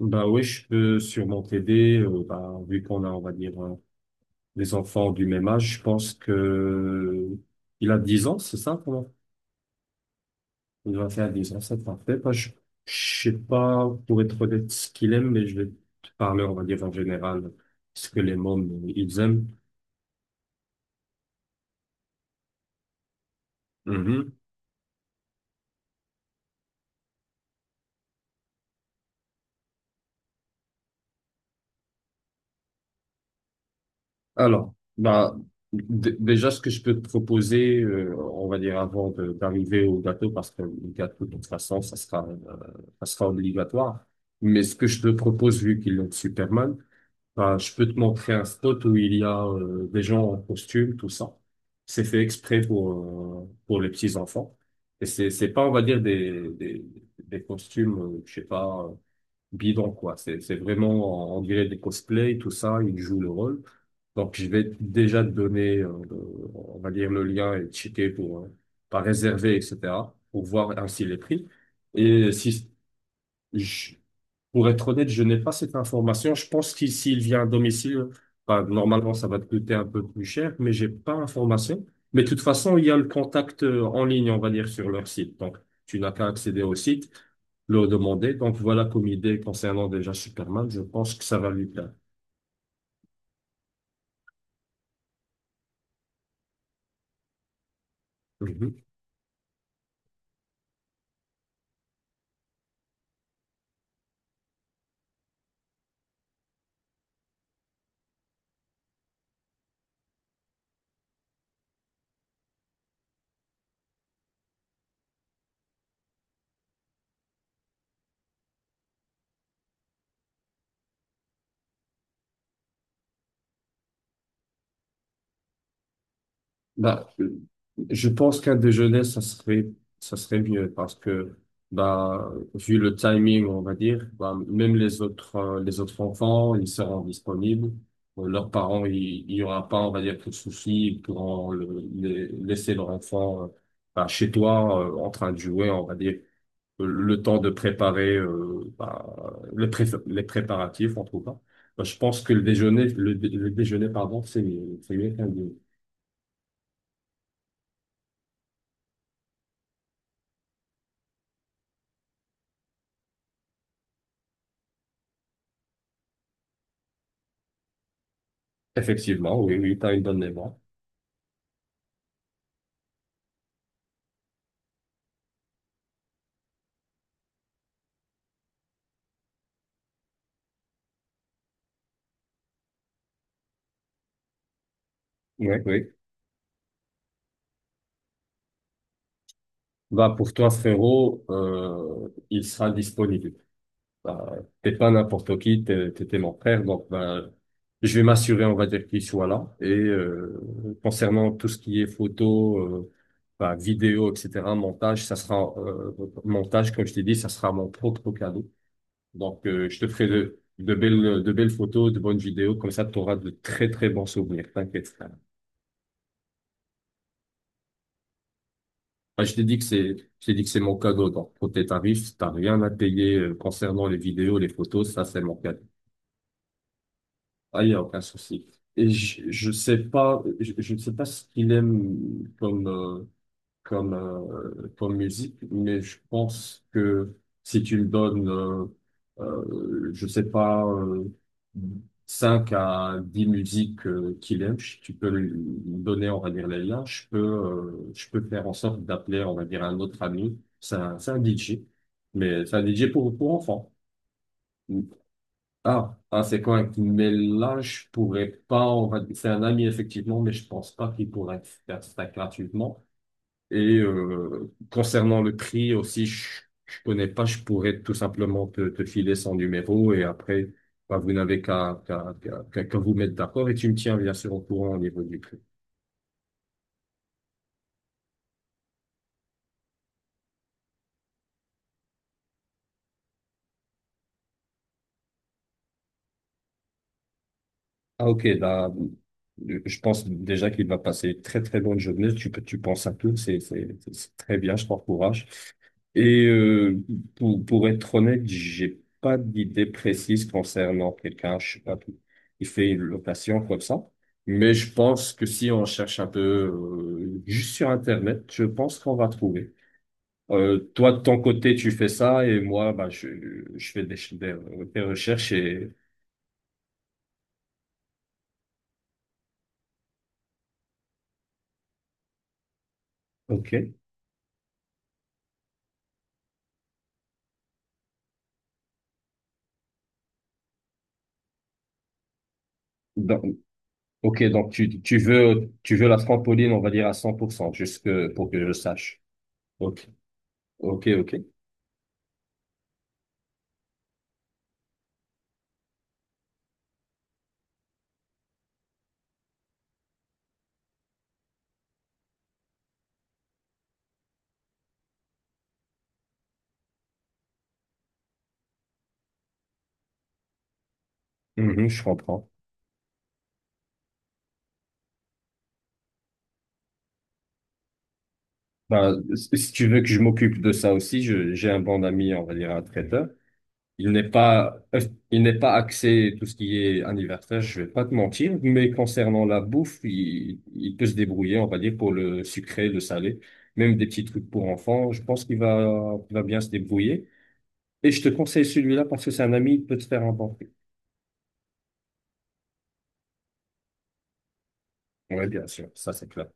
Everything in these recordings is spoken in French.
Bah oui, je peux sûrement t'aider. Bah, vu qu'on a, on va dire, des enfants du même âge, je pense que il a 10 ans, c'est ça, comment? Il va faire 10 ans, c'est parfait. Bah, je sais pas, pour être honnête, ce qu'il aime, mais je vais te parler, on va dire, en général, ce que les mômes, ils aiment. Mhm. Alors, bah, déjà, ce que je peux te proposer, on va dire avant d'arriver au gâteau, parce que le gâteau, de toute façon, ça sera obligatoire. Mais ce que je te propose, vu qu'il est Superman, bah, je peux te montrer un spot où il y a des gens en costume, tout ça. C'est fait exprès pour les petits enfants. Et c'est pas, on va dire, des costumes, je sais pas, bidon, quoi. C'est vraiment, on dirait des cosplays, tout ça, ils jouent le rôle. Donc, je vais déjà te donner, on va dire, le lien et checker pour, pas réserver, etc., pour voir ainsi les prix. Et si, Pour être honnête, je n'ai pas cette information. Je pense qu'il s'il vient à domicile, bah, normalement, ça va te coûter un peu plus cher, mais j'ai pas l'information. Mais de toute façon, il y a le contact en ligne, on va dire, sur leur site. Donc, tu n'as qu'à accéder au site, le demander. Donc, voilà comme idée concernant déjà Superman. Je pense que ça va lui plaire. Bah, je pense qu'un déjeuner, ça serait mieux parce que, bah, vu le timing, on va dire, bah, même les autres enfants, ils seront disponibles. Leurs parents, il y aura pas, on va dire, de soucis. Ils pourront laisser leur enfant, bah, chez toi, en train de jouer, on va dire. Le temps de préparer, bah, les préparatifs, on trouve pas. Bah, je pense que le déjeuner, le déjeuner, pardon, c'est mieux qu'un déjeuner. Effectivement, oui, oui, tu as une bonne mémoire. Oui, oui. Bah, pour toi, frérot, il sera disponible. Bah, t'es pas n'importe qui, t'es mon frère, donc bah, je vais m'assurer, on va dire, qu'il soit là. Et concernant tout ce qui est photo, bah, vidéo, etc., montage, ça sera, montage, comme je t'ai dit, ça sera mon propre cadeau. Donc, je te ferai de belles photos, de bonnes vidéos, comme ça, tu auras de très, très bons souvenirs. T'inquiète. Ah, je t'ai dit que c'est, je t'ai dit que c'est mon cadeau. Donc, pour tes tarifs, t'as rien à payer concernant les vidéos, les photos. Ça, c'est mon cadeau. Ah, il n'y a aucun souci. Et je ne sais pas ce qu'il aime comme musique, mais je pense que si tu me donnes, je sais pas, 5 à 10 musiques, qu'il aime, tu peux lui donner, on va dire, les liens, je peux faire en sorte d'appeler, on va dire, un autre ami, c'est un DJ, mais c'est un DJ pour enfants. Ah, ah, c'est correct. Mais là, je pourrais pas. On va. C'est un ami, effectivement, mais je pense pas qu'il pourrait faire ça gratuitement. Et concernant le prix aussi, je connais pas, je pourrais tout simplement te filer son numéro et après, bah, vous n'avez qu'à vous mettre d'accord et tu me tiens bien sûr au courant au niveau du prix. Ah, ok, là, je pense déjà qu'il va passer une très très bonne journée. Tu penses à tout, c'est très bien, je t'encourage. Et pour être honnête, j'ai pas d'idée précise concernant quelqu'un, je sais pas, qui fait une location comme ça. Mais je pense que si on cherche un peu, juste sur Internet, je pense qu'on va trouver. Toi, de ton côté, tu fais ça et moi, bah, je fais des recherches et... Ok. Ok, donc tu veux la trampoline, on va dire à 100%, pour que je sache. Ok, ok, ok. Mhm, je comprends. Ben, si tu veux que je m'occupe de ça aussi, j'ai un bon ami, on va dire un traiteur. Il n'est pas euh, il n'est pas axé tout ce qui est anniversaire, je vais pas te mentir, mais concernant la bouffe, il peut se débrouiller, on va dire, pour le sucré, le salé, même des petits trucs pour enfants. Je pense qu'il va bien se débrouiller. Et je te conseille celui-là parce que c'est un ami, il peut te faire un bon. Oui, bien sûr, ça c'est clair.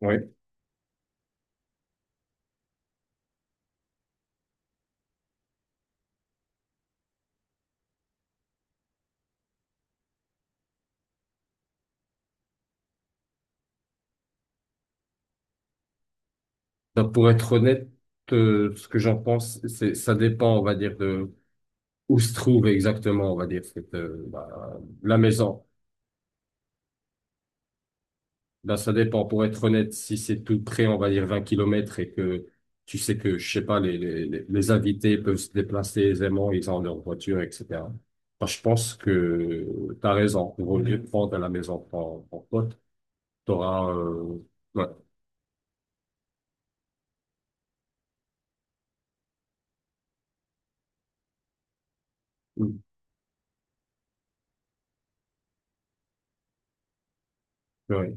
Oui. Donc, pour être honnête, ce que j'en pense, c'est ça dépend, on va dire, de où se trouve exactement, on va dire, bah, la maison. Là, ça dépend. Pour être honnête, si c'est tout près, on va dire 20 kilomètres, et que tu sais que, je sais pas, les invités peuvent se déplacer aisément, ils ont leur voiture, etc. Bah, je pense que tu as raison. Au lieu de prendre à la maison pour ton pote, tu auras. Ouais. Mm. Ouais.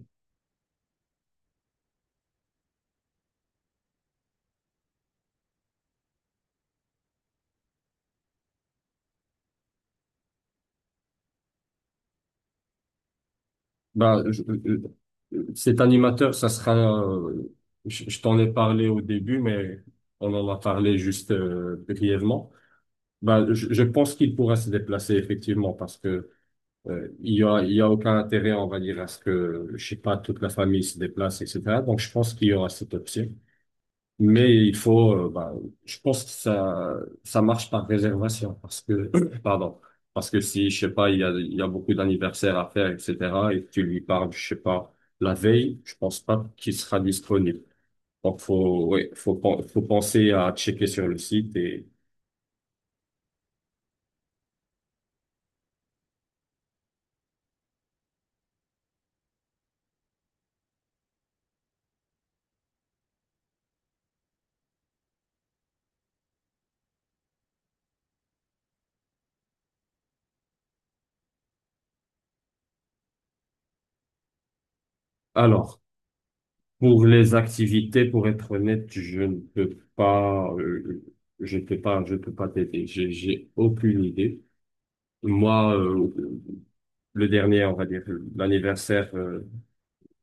Bah, cet animateur, euh, je t'en ai parlé au début, mais on en a parlé juste, brièvement. Bah, je pense qu'il pourra se déplacer effectivement parce que, il y a aucun intérêt, on va dire, à ce que, je sais pas, toute la famille se déplace, etc. Donc, je pense qu'il y aura cette option. Mais il faut, bah, je pense que ça marche par réservation parce que, pardon, parce que si, je sais pas, il y a beaucoup d'anniversaires à faire, etc., et que tu lui parles, je sais pas, la veille, je pense pas qu'il sera disponible. Donc, ouais, faut, faut penser à checker sur le site. Et, alors, pour les activités, pour être honnête, je ne peux pas, je peux pas, je peux pas t'aider. J'ai aucune idée. Moi, le dernier, on va dire, l'anniversaire,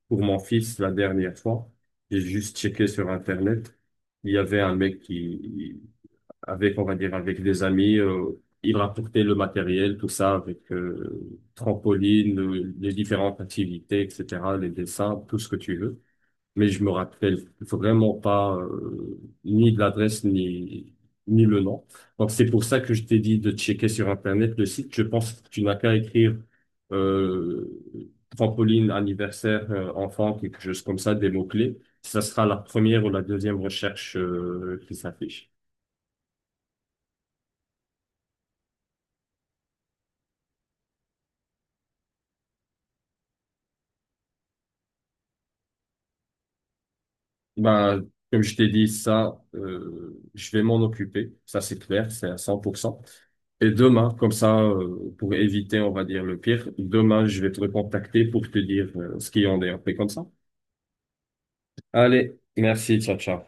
pour mon fils la dernière fois. J'ai juste checké sur Internet. Il y avait un mec qui, avec, on va dire, avec des amis, il rapportait le matériel, tout ça, avec, trampoline, les différentes activités, etc., les dessins, tout ce que tu veux, mais je me rappelle vraiment pas, ni de l'adresse ni le nom. Donc c'est pour ça que je t'ai dit de checker sur Internet le site. Je pense que tu n'as qu'à écrire, euh, trampoline anniversaire, enfant, quelque chose comme ça, des mots-clés. Ça sera la première ou la deuxième recherche, qui s'affiche. Bah, comme je t'ai dit, ça, je vais m'en occuper. Ça, c'est clair, c'est à 100%. Et demain, comme ça, pour éviter, on va dire, le pire, demain, je vais te recontacter pour te dire, ce qu'il en est. On fait comme ça. Allez, merci, ciao, ciao.